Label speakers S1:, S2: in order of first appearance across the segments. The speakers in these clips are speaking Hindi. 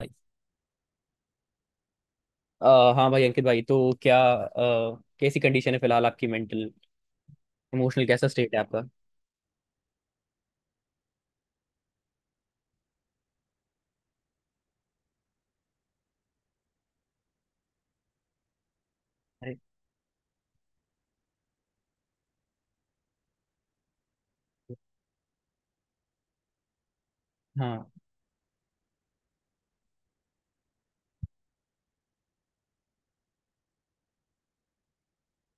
S1: भाई हाँ भाई अंकित भाई, तो क्या कैसी कंडीशन है फिलहाल आपकी? मेंटल इमोशनल कैसा स्टेट है आपका? अरे हाँ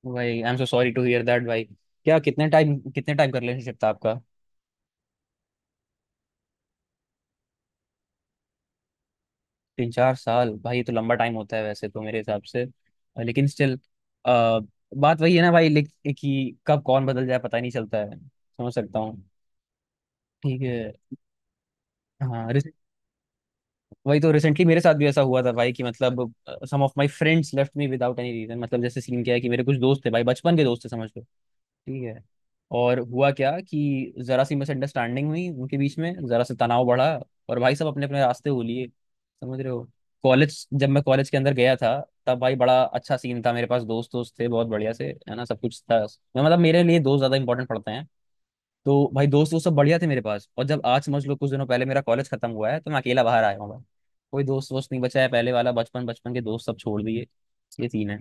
S1: भाई, I am so sorry to hear that भाई। क्या कितने टाइम का रिलेशनशिप था आपका? 3 4 साल भाई, ये तो लंबा टाइम होता है वैसे तो मेरे हिसाब से। लेकिन स्टिल बात वही है ना भाई, कि कब कौन बदल जाए पता ही नहीं चलता है, समझ सकता हूँ। ठीक है। हाँ, वही तो, रिसेंटली मेरे साथ भी ऐसा हुआ था भाई कि मतलब some of my friends left me without any reason. मतलब जैसे सीन क्या है कि मेरे कुछ दोस्त थे भाई, बचपन के दोस्त थे, समझ लो। ठीक है। और हुआ क्या कि जरा सी मिसअंडरस्टैंडिंग हुई उनके बीच में, जरा सा तनाव बढ़ा, और भाई सब अपने अपने रास्ते हो लिए, समझ रहे हो। कॉलेज, जब मैं कॉलेज के अंदर गया था तब भाई बड़ा अच्छा सीन था, मेरे पास दोस्त दोस्त थे, बहुत बढ़िया से, है ना, सब कुछ था। मैं मतलब मेरे लिए दोस्त ज्यादा इंपॉर्टेंट पड़ते हैं। तो भाई दोस्त वो सब बढ़िया थे मेरे पास, और जब आज, समझ लो कुछ दिनों पहले मेरा कॉलेज खत्म हुआ है, तो मैं अकेला बाहर आया हूँ भाई। कोई दोस्त वोस्त नहीं बचा है, पहले वाला बचपन बचपन के दोस्त सब छोड़ दिए। ये सीन है।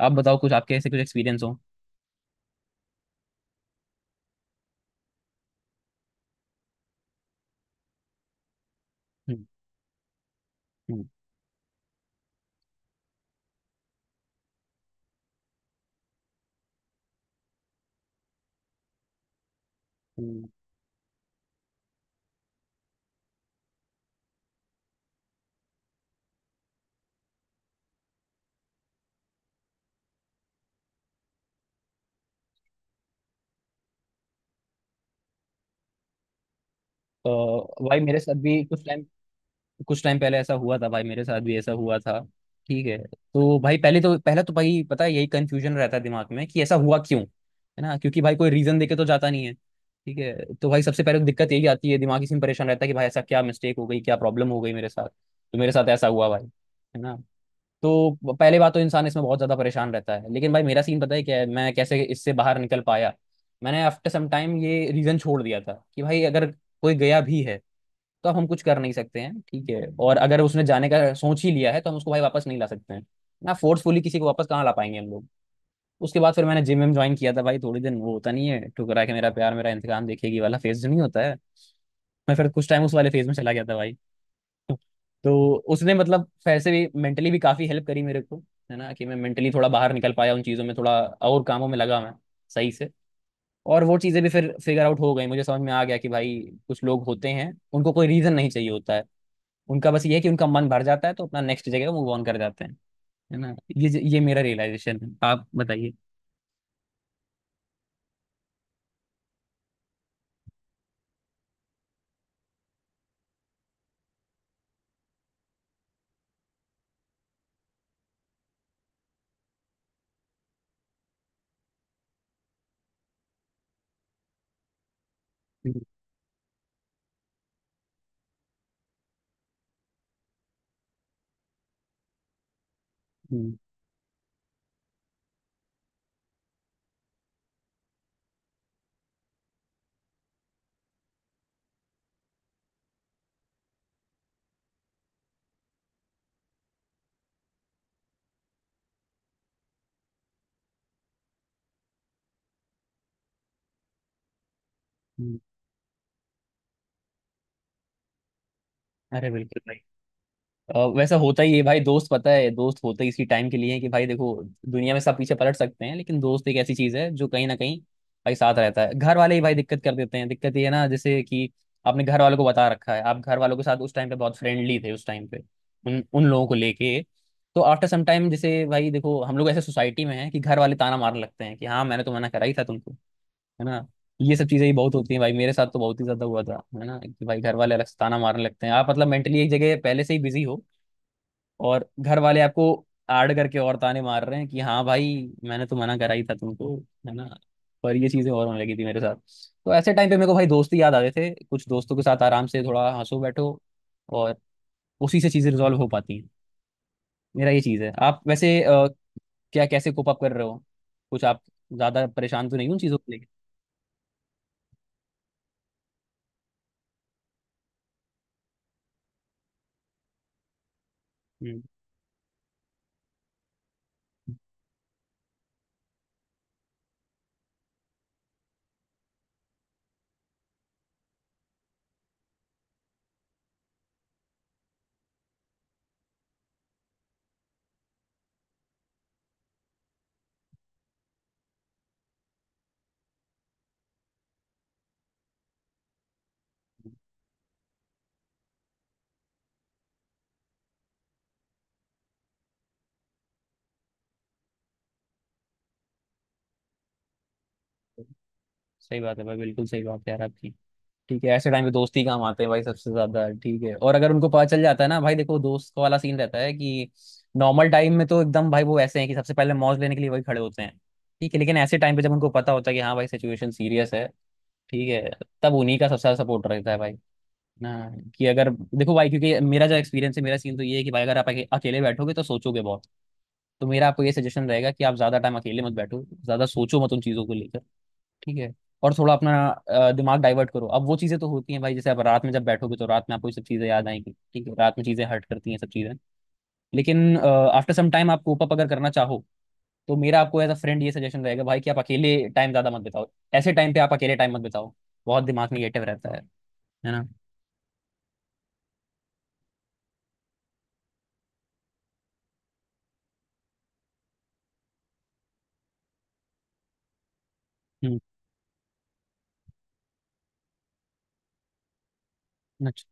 S1: आप बताओ, कुछ आपके ऐसे कुछ एक्सपीरियंस हो। हम्म। हम्म। हम्म। तो भाई मेरे साथ भी कुछ टाइम पहले ऐसा हुआ था भाई, मेरे साथ भी ऐसा हुआ था। ठीक है, तो भाई पहले तो पहला तो भाई पता है यही कंफ्यूजन रहता है दिमाग में कि ऐसा हुआ क्यों, है ना, क्योंकि भाई कोई रीजन देके तो जाता नहीं है। ठीक है, तो भाई सबसे पहले तो दिक्कत यही आती है, दिमाग इसी में परेशान रहता है कि भाई ऐसा क्या मिस्टेक हो गई, क्या प्रॉब्लम हो गई मेरे साथ, तो मेरे साथ ऐसा हुआ भाई, है ना। तो पहले बात तो इंसान इसमें बहुत ज्यादा परेशान रहता है, लेकिन भाई मेरा सीन पता है क्या है, मैं कैसे इससे बाहर निकल पाया। मैंने आफ्टर सम टाइम ये रीजन छोड़ दिया था कि भाई अगर कोई गया भी है तो अब हम कुछ कर नहीं सकते हैं, ठीक है, और अगर उसने जाने का सोच ही लिया है तो हम उसको भाई वापस नहीं ला सकते हैं, ना फोर्सफुली किसी को वापस कहाँ ला पाएंगे हम लोग। उसके बाद फिर मैंने जिम में ज्वाइन किया था भाई, थोड़ी दिन वो होता नहीं है, ठुकरा के मेरा प्यार मेरा इंतकाम देखेगी वाला फेज जो नहीं होता है, मैं फिर कुछ टाइम उस वाले फेज में चला गया था भाई। तो उसने मतलब वैसे भी मेंटली भी काफी हेल्प करी मेरे को, है ना, कि मैं मेंटली थोड़ा बाहर निकल पाया उन चीजों में, थोड़ा और कामों में लगा मैं, सही से। और वो चीजें भी फिर फिगर आउट हो गई, मुझे समझ में आ गया कि भाई कुछ लोग होते हैं उनको कोई रीजन नहीं चाहिए होता है, उनका बस ये है कि उनका मन भर जाता है तो अपना नेक्स्ट जगह मूव ऑन कर जाते हैं, है ना। ये मेरा रियलाइजेशन है, आप बताइए। हम्म। हम्म। हम्म। अरे बिल्कुल भाई, वैसा होता ही है भाई, दोस्त, पता है दोस्त होते ही इसी टाइम के लिए हैं कि भाई देखो दुनिया में सब पीछे पलट सकते हैं लेकिन दोस्त एक ऐसी चीज है जो कहीं ना कहीं भाई साथ रहता है। घर वाले ही भाई दिक्कत कर देते हैं, दिक्कत ये है ना, जैसे कि आपने घर वालों को बता रखा है, आप घर वालों के साथ उस टाइम पे बहुत फ्रेंडली थे, उस टाइम पे उन उन लोगों को लेके, तो आफ्टर सम टाइम जैसे भाई देखो हम लोग ऐसे सोसाइटी में हैं कि घर वाले ताना मारने लगते हैं कि हाँ मैंने तो मना करा ही था तुमको, है ना, ये सब चीजें ही बहुत होती हैं भाई, मेरे साथ तो बहुत ही ज्यादा हुआ था, है ना, कि भाई घर वाले अलग से ताना मारने लगते हैं, आप मतलब मेंटली एक जगह पहले से ही बिजी हो, और घर वाले आपको आड़ करके और ताने मार रहे हैं कि हाँ भाई मैंने तो मना करा ही था तुमको, है ना। पर ये चीजें और होने लगी थी मेरे साथ। तो ऐसे टाइम पे मेरे को भाई दोस्त ही याद आ गए थे, कुछ दोस्तों के साथ आराम से थोड़ा हंसो बैठो, और उसी से चीजें रिजॉल्व हो पाती हैं। मेरा ये चीज है। आप वैसे क्या, कैसे कोप अप कर रहे हो? कुछ आप ज्यादा परेशान तो नहीं हो उन चीजों को लेकर? हम्म। सही बात है भाई, बिल्कुल सही बात है यार आपकी। ठीक है, ऐसे टाइम पे दोस्त ही काम आते हैं भाई सबसे ज्यादा, ठीक है, और अगर उनको पता चल जाता है ना, भाई देखो दोस्त का वाला सीन रहता है कि नॉर्मल टाइम में तो एकदम भाई वो ऐसे हैं कि सबसे पहले मौज लेने के लिए वही खड़े होते हैं, ठीक है, लेकिन ऐसे टाइम पे जब उनको पता होता है कि हाँ भाई सिचुएशन सीरियस है, ठीक है, तब उन्हीं का सबसे ज्यादा सपोर्ट रहता है भाई, ना, कि अगर देखो भाई क्योंकि मेरा जो एक्सपीरियंस है, मेरा सीन तो ये है कि भाई अगर आप अकेले बैठोगे तो सोचोगे बहुत, तो मेरा आपको ये सजेशन रहेगा कि आप ज्यादा टाइम अकेले मत बैठो, ज्यादा सोचो मत उन चीजों को लेकर, ठीक है, और थोड़ा अपना दिमाग डाइवर्ट करो। अब वो चीजें तो होती हैं भाई, जैसे आप रात में जब बैठोगे तो रात में आपको ये सब चीजें याद आएंगी, ठीक है, रात में चीजें हर्ट करती हैं सब चीजें, लेकिन आफ्टर सम टाइम आप कोप अप अगर करना चाहो तो मेरा आपको एज अ फ्रेंड ये सजेशन रहेगा भाई कि आप अकेले टाइम ज्यादा मत बिताओ, ऐसे टाइम पे आप अकेले टाइम मत बिताओ, बहुत दिमाग निगेटिव रहता है ना। हम्म। अच्छा।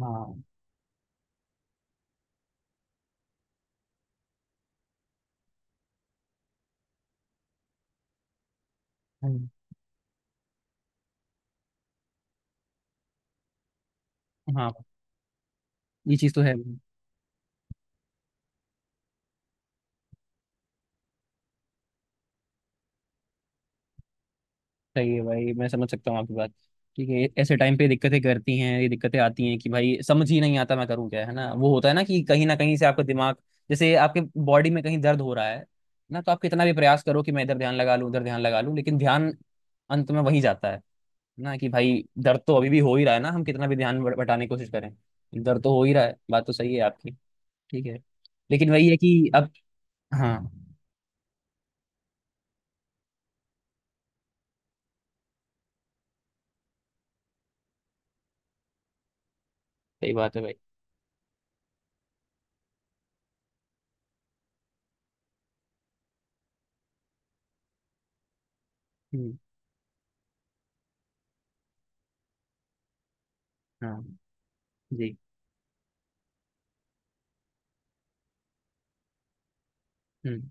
S1: हाँ। हम्म। हाँ, ये चीज तो है। सही है भाई, मैं समझ सकता हूँ आपकी बात, ठीक है, ऐसे टाइम पे दिक्कतें करती हैं ये, दिक्कतें आती हैं कि भाई समझ ही नहीं आता मैं करूँ क्या, है ना, वो होता है ना कि कहीं ना कहीं से आपका दिमाग, जैसे आपके बॉडी में कहीं दर्द हो रहा है ना, तो आप कितना भी प्रयास करो कि मैं इधर ध्यान लगा लूँ उधर ध्यान लगा लूँ, लेकिन ध्यान अंत में वही जाता है, ना, कि भाई दर्द तो अभी भी हो ही रहा है ना, हम कितना भी ध्यान बटाने की कोशिश करें, दर्द तो हो ही रहा है, बात तो सही है आपकी, ठीक है, लेकिन वही है कि अब, हाँ, सही बात है भाई। हम्म। हाँ। जी। हम्म।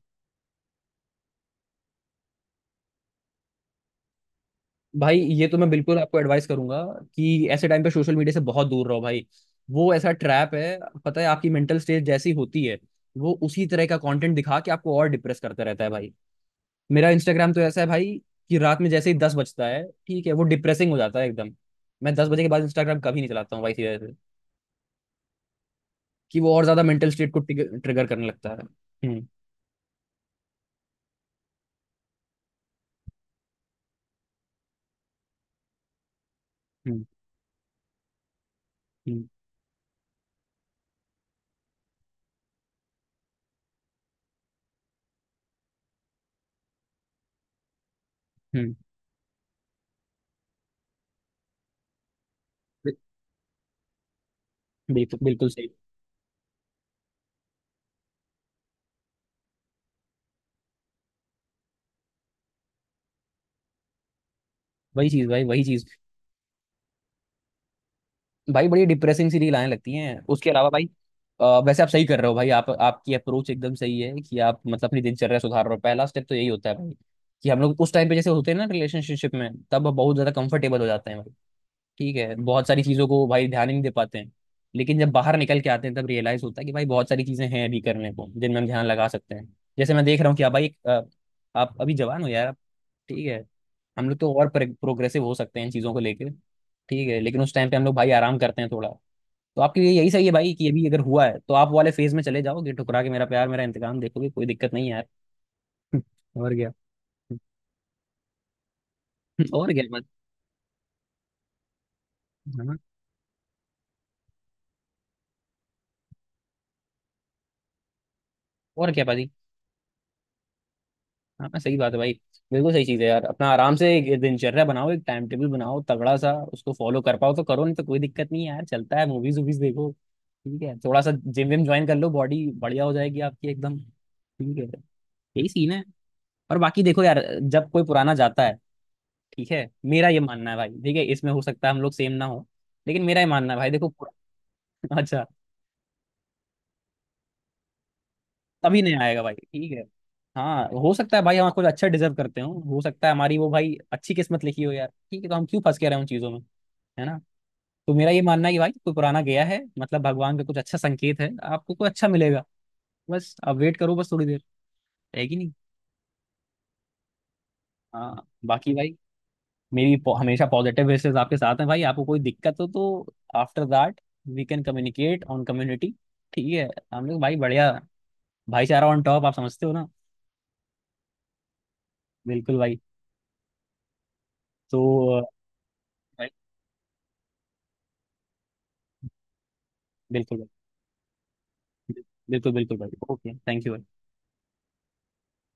S1: भाई ये तो मैं बिल्कुल आपको एडवाइस करूंगा कि ऐसे टाइम पे सोशल मीडिया से बहुत दूर रहो भाई, वो ऐसा ट्रैप है, पता है आपकी मेंटल स्टेट जैसी होती है वो उसी तरह का कंटेंट दिखा के आपको और डिप्रेस करता रहता है भाई। मेरा इंस्टाग्राम तो ऐसा है भाई कि रात में जैसे ही 10 बजता है, ठीक है, वो डिप्रेसिंग हो जाता है एकदम। मैं 10 बजे के बाद इंस्टाग्राम कभी नहीं चलाता हूँ भाई सीधे से, कि वो और ज्यादा मेंटल स्टेट को ट्रिगर करने लगता है। हम्म। हम्म। हम्म। हम्म। बिल्कुल बिल्कुल सही। वही चीज भाई, वही चीज। भाई बड़ी डिप्रेसिंग सी रील आने लगती हैं उसके अलावा भाई। वैसे आप सही कर रहे हो भाई, आप, आपकी अप्रोच एकदम सही है कि आप मतलब अपनी दिनचर्या सुधार रहे हो, पहला स्टेप तो यही होता है भाई, कि हम लोग उस टाइम पे जैसे होते हैं ना रिलेशनशिप में, तब बहुत ज्यादा कंफर्टेबल हो जाते हैं भाई, ठीक है, बहुत सारी चीजों को भाई ध्यान ही नहीं दे पाते हैं, लेकिन जब बाहर निकल के आते हैं तब रियलाइज होता है कि भाई बहुत सारी चीजें हैं अभी करने को जिनमें हम ध्यान लगा सकते हैं। जैसे मैं देख रहा हूँ कि आप भाई एक, आप अभी जवान हो यार, आप-, ठीक है, हम लोग तो और प्रोग्रेसिव हो सकते हैं इन चीजों को लेकर, ठीक है, लेकिन उस टाइम पे हम लोग भाई आराम करते हैं थोड़ा, तो आपके लिए यही सही है भाई कि अभी अगर हुआ है तो आप वाले फेज में चले जाओगे, ठुकरा के मेरा प्यार मेरा इंतकाम देखोगे, कोई दिक्कत नहीं है यार। और क्या। और क्या बात। हाँ हाँ। और क्या पाजी। हाँ हाँ, सही बात है भाई, बिल्कुल सही चीज है यार, अपना आराम से एक दिनचर्या बनाओ, एक टाइम टेबल बनाओ तगड़ा सा, उसको फॉलो कर पाओ तो करो, नहीं तो कोई दिक्कत नहीं है यार, चलता है, मूवीज वूवीज देखो, ठीक है, थोड़ा सा जिम विम ज्वाइन कर लो, बॉडी बढ़िया हो जाएगी आपकी एकदम, ठीक है, यही सीन है। और बाकी देखो यार, जब कोई पुराना जाता है, ठीक है, मेरा ये मानना है भाई, ठीक है, इसमें हो सकता है हम लोग सेम ना हो, लेकिन मेरा ये मानना है भाई देखो, पूरा-, अच्छा, तभी नहीं आएगा भाई, ठीक है, हाँ हो सकता है भाई हम कुछ अच्छा डिजर्व करते हो सकता है हमारी वो भाई अच्छी किस्मत लिखी हो यार, ठीक है, तो हम क्यों फंस के रहे हैं उन चीजों में, है ना। तो मेरा ये मानना है कि भाई कोई पुराना गया है मतलब भगवान का कुछ अच्छा संकेत है, आपको कोई अच्छा मिलेगा, बस आप वेट करो, बस थोड़ी देर, है कि नहीं। हाँ। बाकी भाई, हमेशा पॉजिटिव विशेस आपके साथ हैं भाई, आपको कोई दिक्कत हो तो after that we can communicate on community, ठीक है, हम लोग भाई बढ़िया, भाईचारा ऑन टॉप, आप समझते हो ना। बिल्कुल भाई। तो अ, भाई, बिल्कुल भाई, बिल्कुल बिल्कुल भाई, ओके थैंक यू भाई।